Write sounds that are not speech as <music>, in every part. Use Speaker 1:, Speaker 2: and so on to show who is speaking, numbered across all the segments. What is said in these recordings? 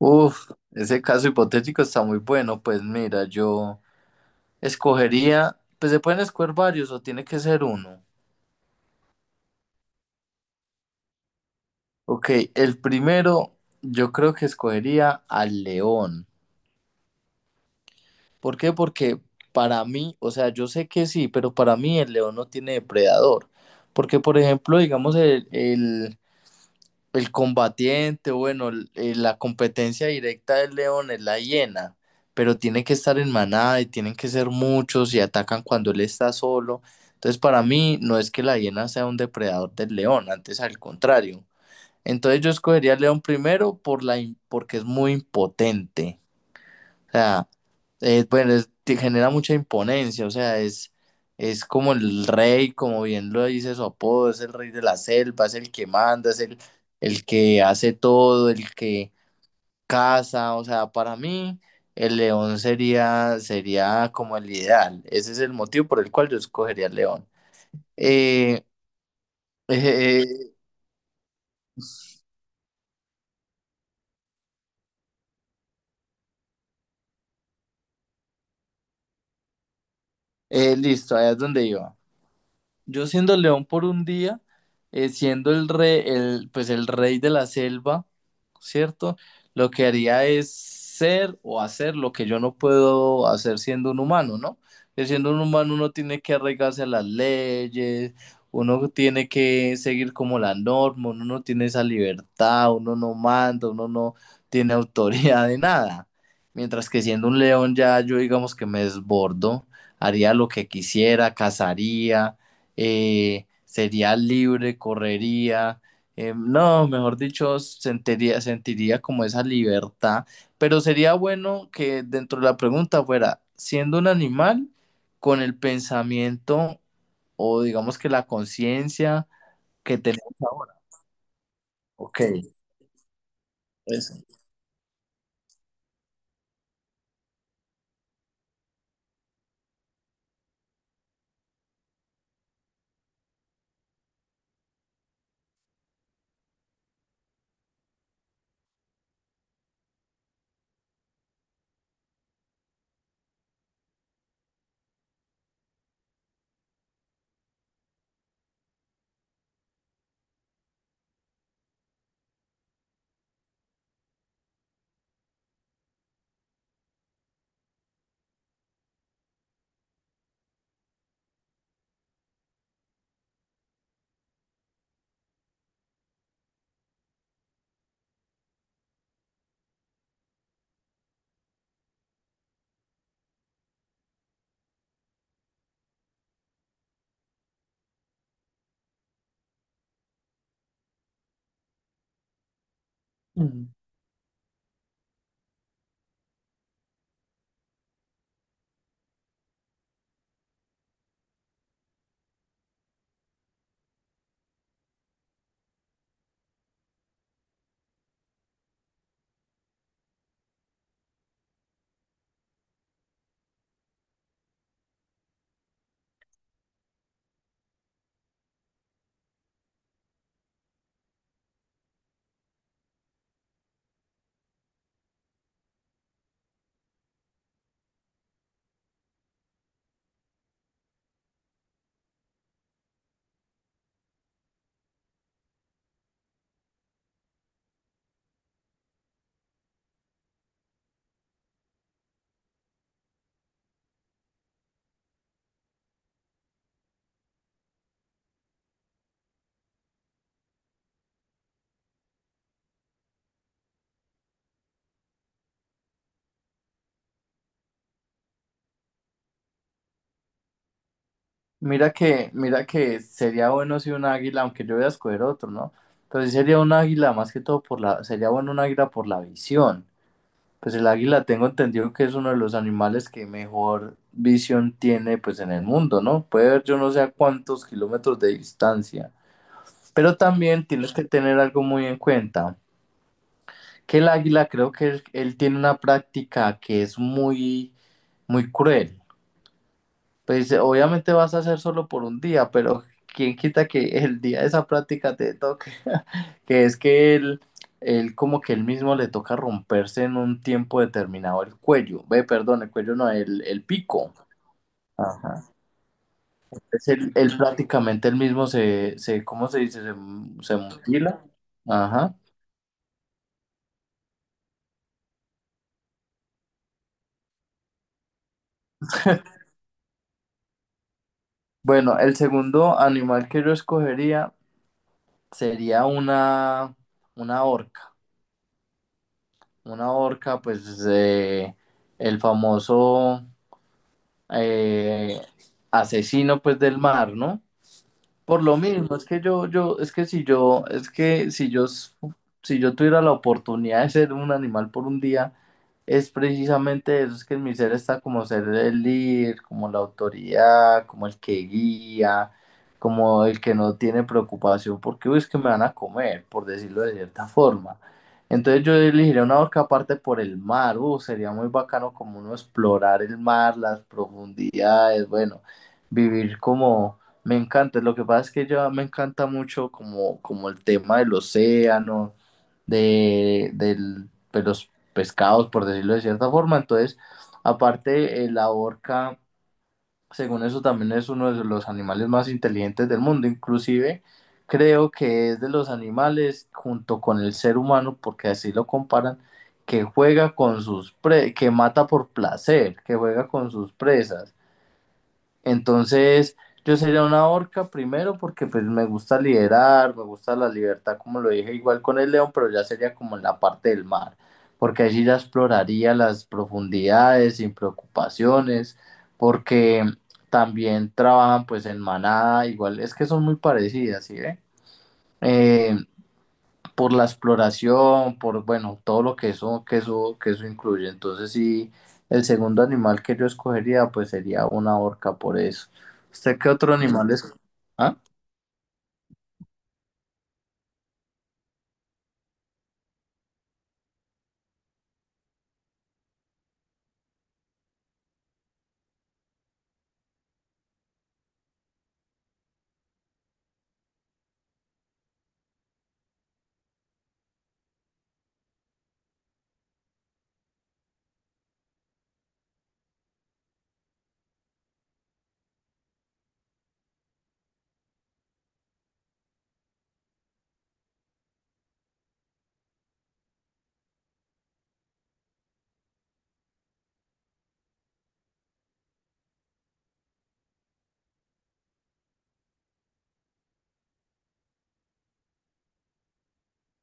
Speaker 1: Uf, ese caso hipotético está muy bueno. Pues mira, yo escogería, pues se pueden escoger varios o tiene que ser uno. Ok, el primero yo creo que escogería al león. ¿Por qué? Porque para mí, o sea, yo sé que sí, pero para mí el león no tiene depredador. Porque, por ejemplo, digamos, El combatiente, bueno, la competencia directa del león es la hiena, pero tiene que estar en manada y tienen que ser muchos y atacan cuando él está solo. Entonces, para mí, no es que la hiena sea un depredador del león, antes al contrario. Entonces, yo escogería al león primero porque es muy impotente. O sea, bueno, te genera mucha imponencia, o sea, es como el rey, como bien lo dice su apodo, es el rey de la selva, es el que manda, el que hace todo, el que caza, o sea, para mí el sería como el ideal, ese es el motivo por el cual yo escogería el león. Eh, <laughs> eh, eh, listo, allá es donde iba. Yo siendo león por un día, siendo el rey, pues el rey de la selva, ¿cierto? Lo que haría es ser o hacer lo que yo no puedo hacer siendo un humano, ¿no? Que siendo un humano uno tiene que arraigarse a las leyes, uno tiene que seguir como la norma, uno no tiene esa libertad, uno no manda, uno no tiene autoridad de nada. Mientras que siendo un león ya yo digamos que me desbordo, haría lo que quisiera, cazaría, sería libre, correría, no, mejor dicho, sentiría como esa libertad, pero sería bueno que dentro de la pregunta fuera, siendo un animal con el pensamiento o digamos que la conciencia que tenemos ahora. Ok, eso. Ujú. Mira que sería bueno si un águila, aunque yo voy a escoger otro, ¿no? Pero sí sería un águila más que todo por la, sería bueno un águila por la visión. Pues el águila tengo entendido que es uno de los animales que mejor visión tiene pues en el mundo, ¿no? Puede ver yo no sé a cuántos kilómetros de distancia. Pero también tienes que tener algo muy en cuenta, que el águila creo que él tiene una práctica que es muy, muy cruel. Pues obviamente vas a hacer solo por un día, pero quién quita que el día de esa práctica te toque, <laughs> que es que él como que él mismo le toca romperse en un tiempo determinado el cuello, ve, perdón, el cuello no, el pico. Ajá. Es él prácticamente él mismo ¿cómo se dice? Se mutila. Ajá. Bueno, el segundo animal que yo escogería sería una orca. Una orca, pues el famoso eh, asesino pues del mar, ¿no? Por lo mismo, es que es que si yo, si yo tuviera la oportunidad de ser un animal por un día, es precisamente eso, es que en mi ser está como ser el líder, como la autoridad, como el que guía, como el que no tiene preocupación, porque uy, es que me van a comer, por decirlo de cierta forma. Entonces yo elegiría una orca aparte por el mar, sería muy bacano como uno explorar el mar, las profundidades, bueno, vivir como me encanta, lo que pasa es que ya me encanta mucho como, como el tema del océano, de los pescados, por decirlo de cierta forma. Entonces, aparte, la orca, según eso, también es uno de los animales más inteligentes del mundo. Inclusive, creo que es de los animales, junto con el ser humano, porque así lo comparan, que juega con sus pre- que mata por placer, que juega con sus presas. Entonces, yo sería una orca primero porque pues me gusta liderar, me gusta la libertad, como lo dije, igual con el león, pero ya sería como en la parte del mar, porque allí ya exploraría las profundidades sin preocupaciones, porque también trabajan pues en manada, igual es que son muy parecidas, ¿sí ve? Eh, por la exploración, por, bueno, todo lo que eso, que eso incluye. Entonces, sí, el segundo animal que yo escogería, pues sería una orca por eso. ¿Usted qué otro animal es? ¿Ah?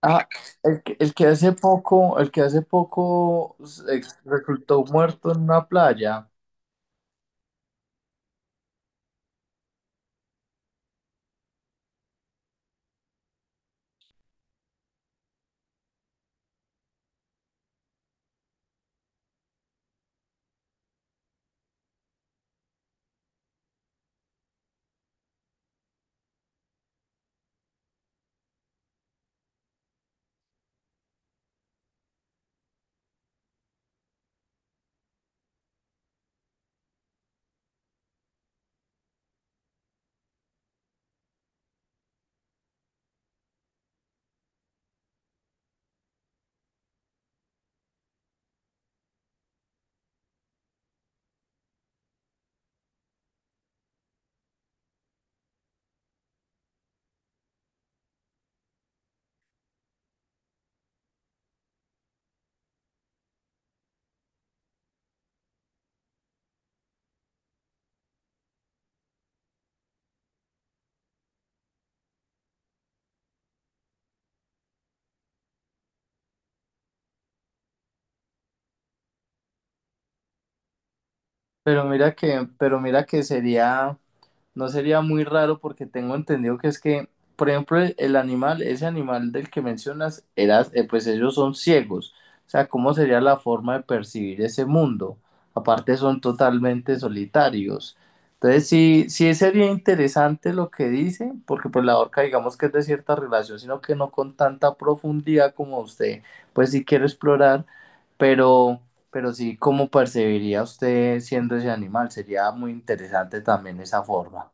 Speaker 1: Ah, el que hace poco, el que hace poco resultó muerto en una playa, pero mira que sería, no sería muy raro porque tengo entendido que es que, por ejemplo, el animal, ese animal del que mencionas, era, pues ellos son ciegos. O sea, ¿cómo sería la forma de percibir ese mundo? Aparte son totalmente solitarios. Entonces sí, sí sería interesante lo que dice, porque pues la orca digamos que es de cierta relación, sino que no con tanta profundidad como usted, pues sí quiero explorar, pero sí, ¿cómo percibiría usted siendo ese animal? Sería muy interesante también esa forma.